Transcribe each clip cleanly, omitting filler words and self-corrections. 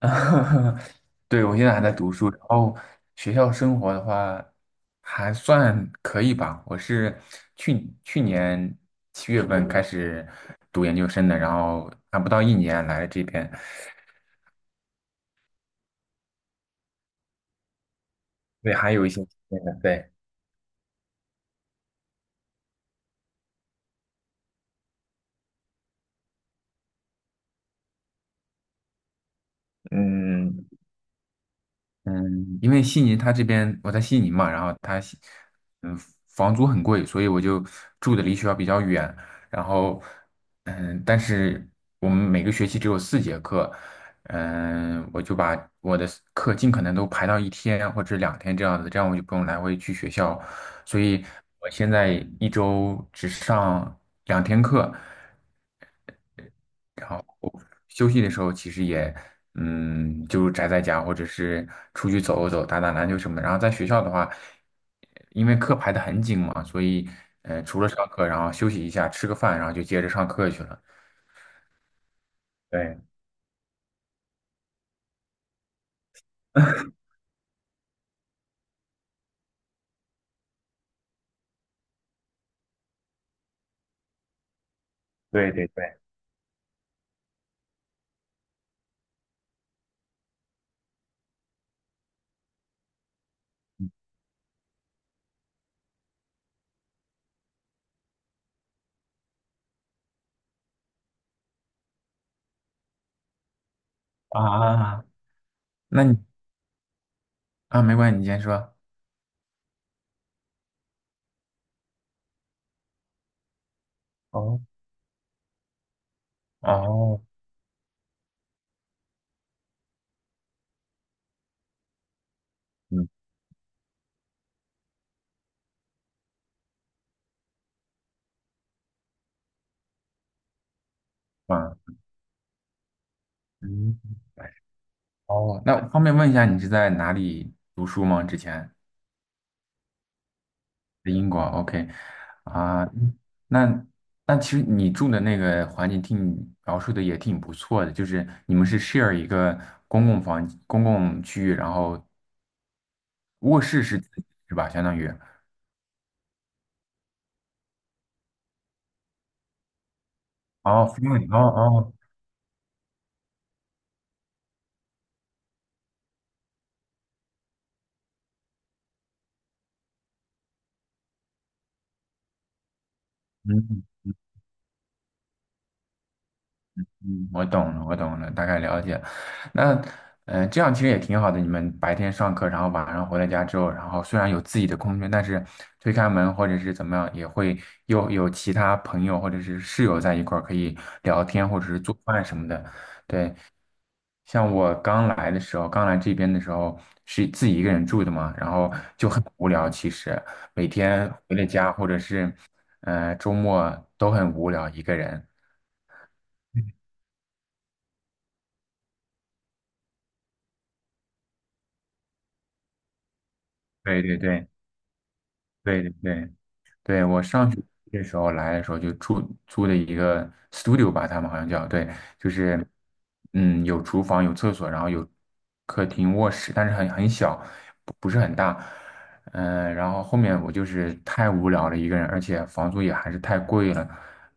对，我现在还在读书，然后学校生活的话还算可以吧。我是去年七月份开始读研究生的，然后还不到一年来这边，对，还有一些经验的对，嗯，嗯，因为悉尼它这边我在悉尼嘛，然后它悉嗯，房租很贵，所以我就住的离学校比较远。然后，但是我们每个学期只有四节课，我就把我的课尽可能都排到一天或者两天这样子，这样我就不用来回去学校。所以我现在一周只上两天课，然后休息的时候其实也，就宅在家或者是出去走走、打打篮球什么的。然后在学校的话，因为课排得很紧嘛，所以除了上课，然后休息一下，吃个饭，然后就接着上课去了。对对对对，啊，那你啊，没关系，你先说。哦，哦，嗯啊，嗯，哦，那方便问一下，你是在哪里读书吗？之前？在英国，OK，啊，那那其实你住的那个环境听你描述的也挺不错的，就是你们是 share 一个公共房公共区域，然后卧室是自己是吧？相当于哦 f r 哦哦，嗯嗯，我懂了，我懂了，大概了解。那，嗯、这样其实也挺好的。你们白天上课，然后晚上回到家之后，然后虽然有自己的空间，但是推开门或者是怎么样，也会又有其他朋友或者是室友在一块儿可以聊天或者是做饭什么的。对，像我刚来的时候，刚来这边的时候是自己一个人住的嘛，然后就很无聊。其实每天回了家或者是，周末都很无聊，一个人。对对对对对对。对，我上学的时候来的时候就住租的一个 studio 吧，他们好像叫，对，就是嗯有厨房有厕所，然后有客厅卧室，但是很小，不是很大，嗯、然后后面我就是太无聊了一个人，而且房租也还是太贵了，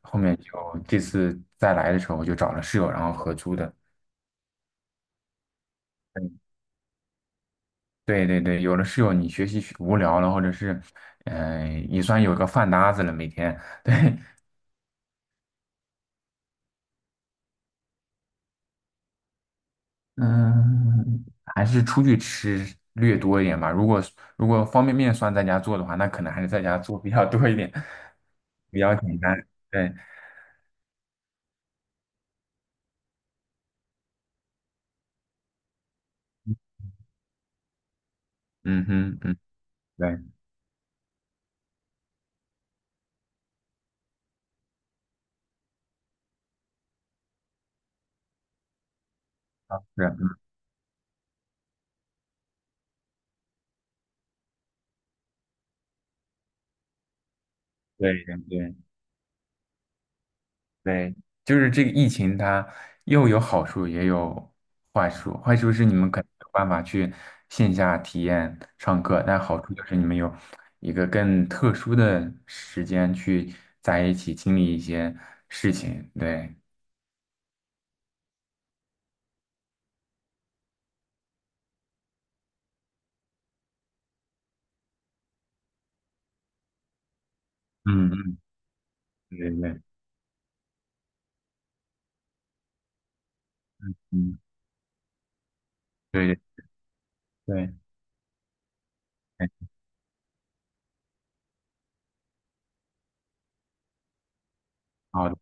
后面就这次再来的时候我就找了室友，然后合租的。嗯对对对，有了室友，你学习学无聊了，或者是，嗯、也算有个饭搭子了，每天，对，嗯，还是出去吃略多一点吧。如果如果方便面算在家做的话，那可能还是在家做比较多一点，比较简单。对，嗯哼，嗯，对，是啊，对对对对，就是这个疫情它又有好处也有坏处。坏处是你们可能没有办法去线下体验上课，但好处就是你们有一个更特殊的时间去在一起经历一些事情。对，嗯嗯，对对对。嗯，对对，对，哎好的，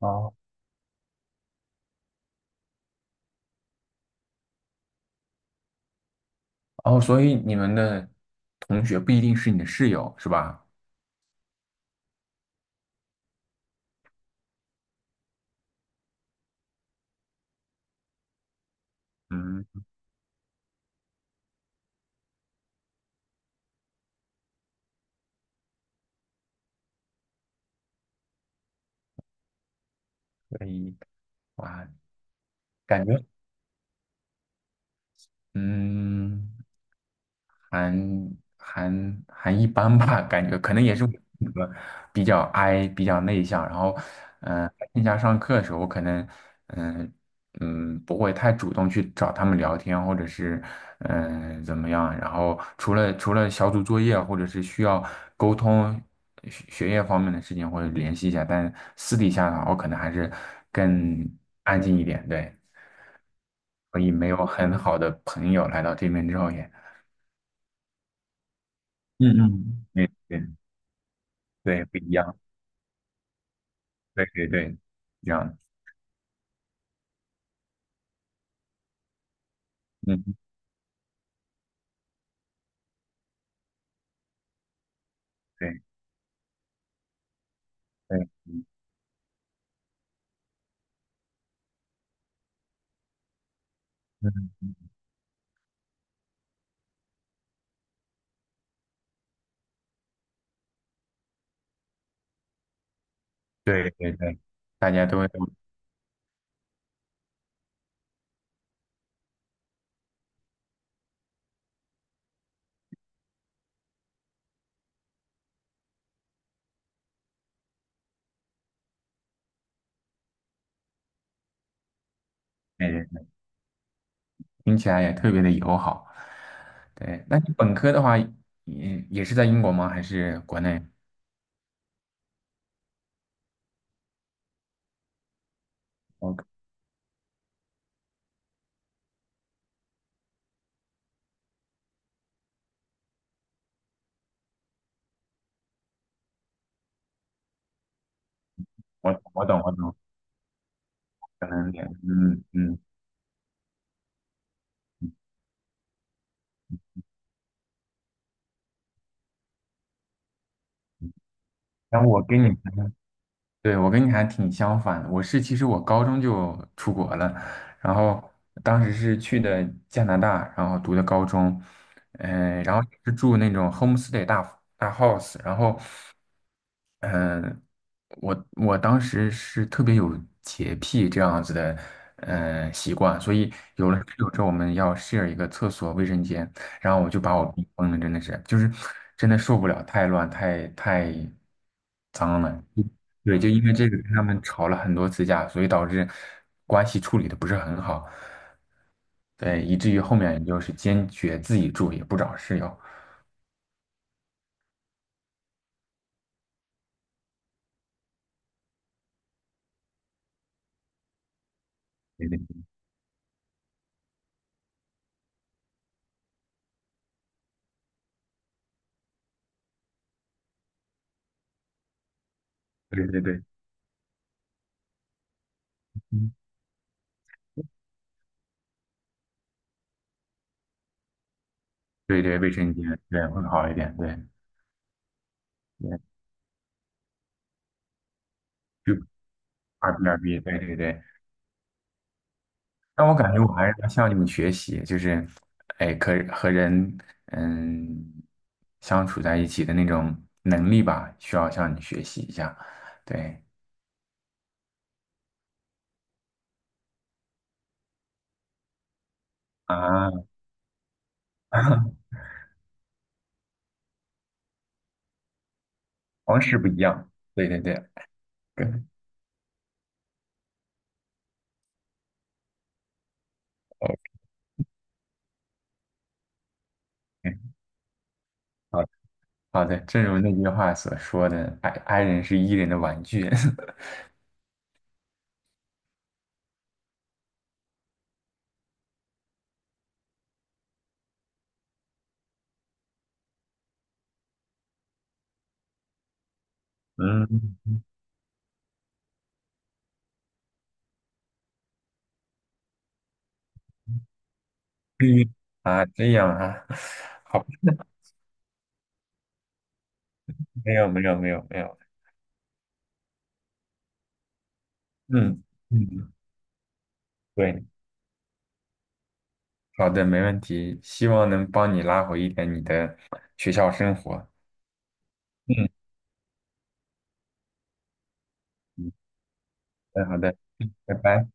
哦哦，所以你们的同学不一定是你的室友，是吧？嗯，所以哇，感觉嗯。还还还一般吧，感觉可能也是我性格比较 I 比较内向，然后，线下上课的时候，我可能，嗯、嗯，不会太主动去找他们聊天，或者是，嗯、怎么样？然后除了小组作业，或者是需要沟通学学业方面的事情，或者联系一下，但私底下的话，我可能还是更安静一点，对，所以没有很好的朋友来到这边之后也，嗯嗯。对对。对，不一样，对对对，一样，嗯，对对嗯对对对，大家都会，哎，听起来也特别的友好。对，那你本科的话，也也是在英国吗？还是国内？我我我懂我懂，可能也，嗯嗯。那我跟你对，我跟你还挺相反的，我是其实我高中就出国了，然后当时是去的加拿大，然后读的高中，嗯、然后是住那种 homestay 大大 house，然后呃，我我当时是特别有洁癖这样子的，习惯，所以有了室友之后，我们要 share 一个厕所卫生间，然后我就把我逼疯了，真的是，就是真的受不了，太乱，太脏了。对，就因为这个跟他们吵了很多次架，所以导致关系处理的不是很好，对，以至于后面就是坚决自己住，也不找室友。对对对对对，嗯对对，卫生间对会好一点，对。就二 b 二 b 对对对。但我感觉我还是要向你们学习，就是，哎，可和人嗯相处在一起的那种能力吧，需要向你学习一下。对啊，方式不一样。对对对，对 OK，好的好的，正如那句话所说的，i 人是 e 人的玩具。嗯，嗯 啊，这样啊，好，没有没有没有没有，嗯嗯，对。好的，没问题，希望能帮你拉回一点你的学校生活。嗯，嗯，好的，好的，拜拜。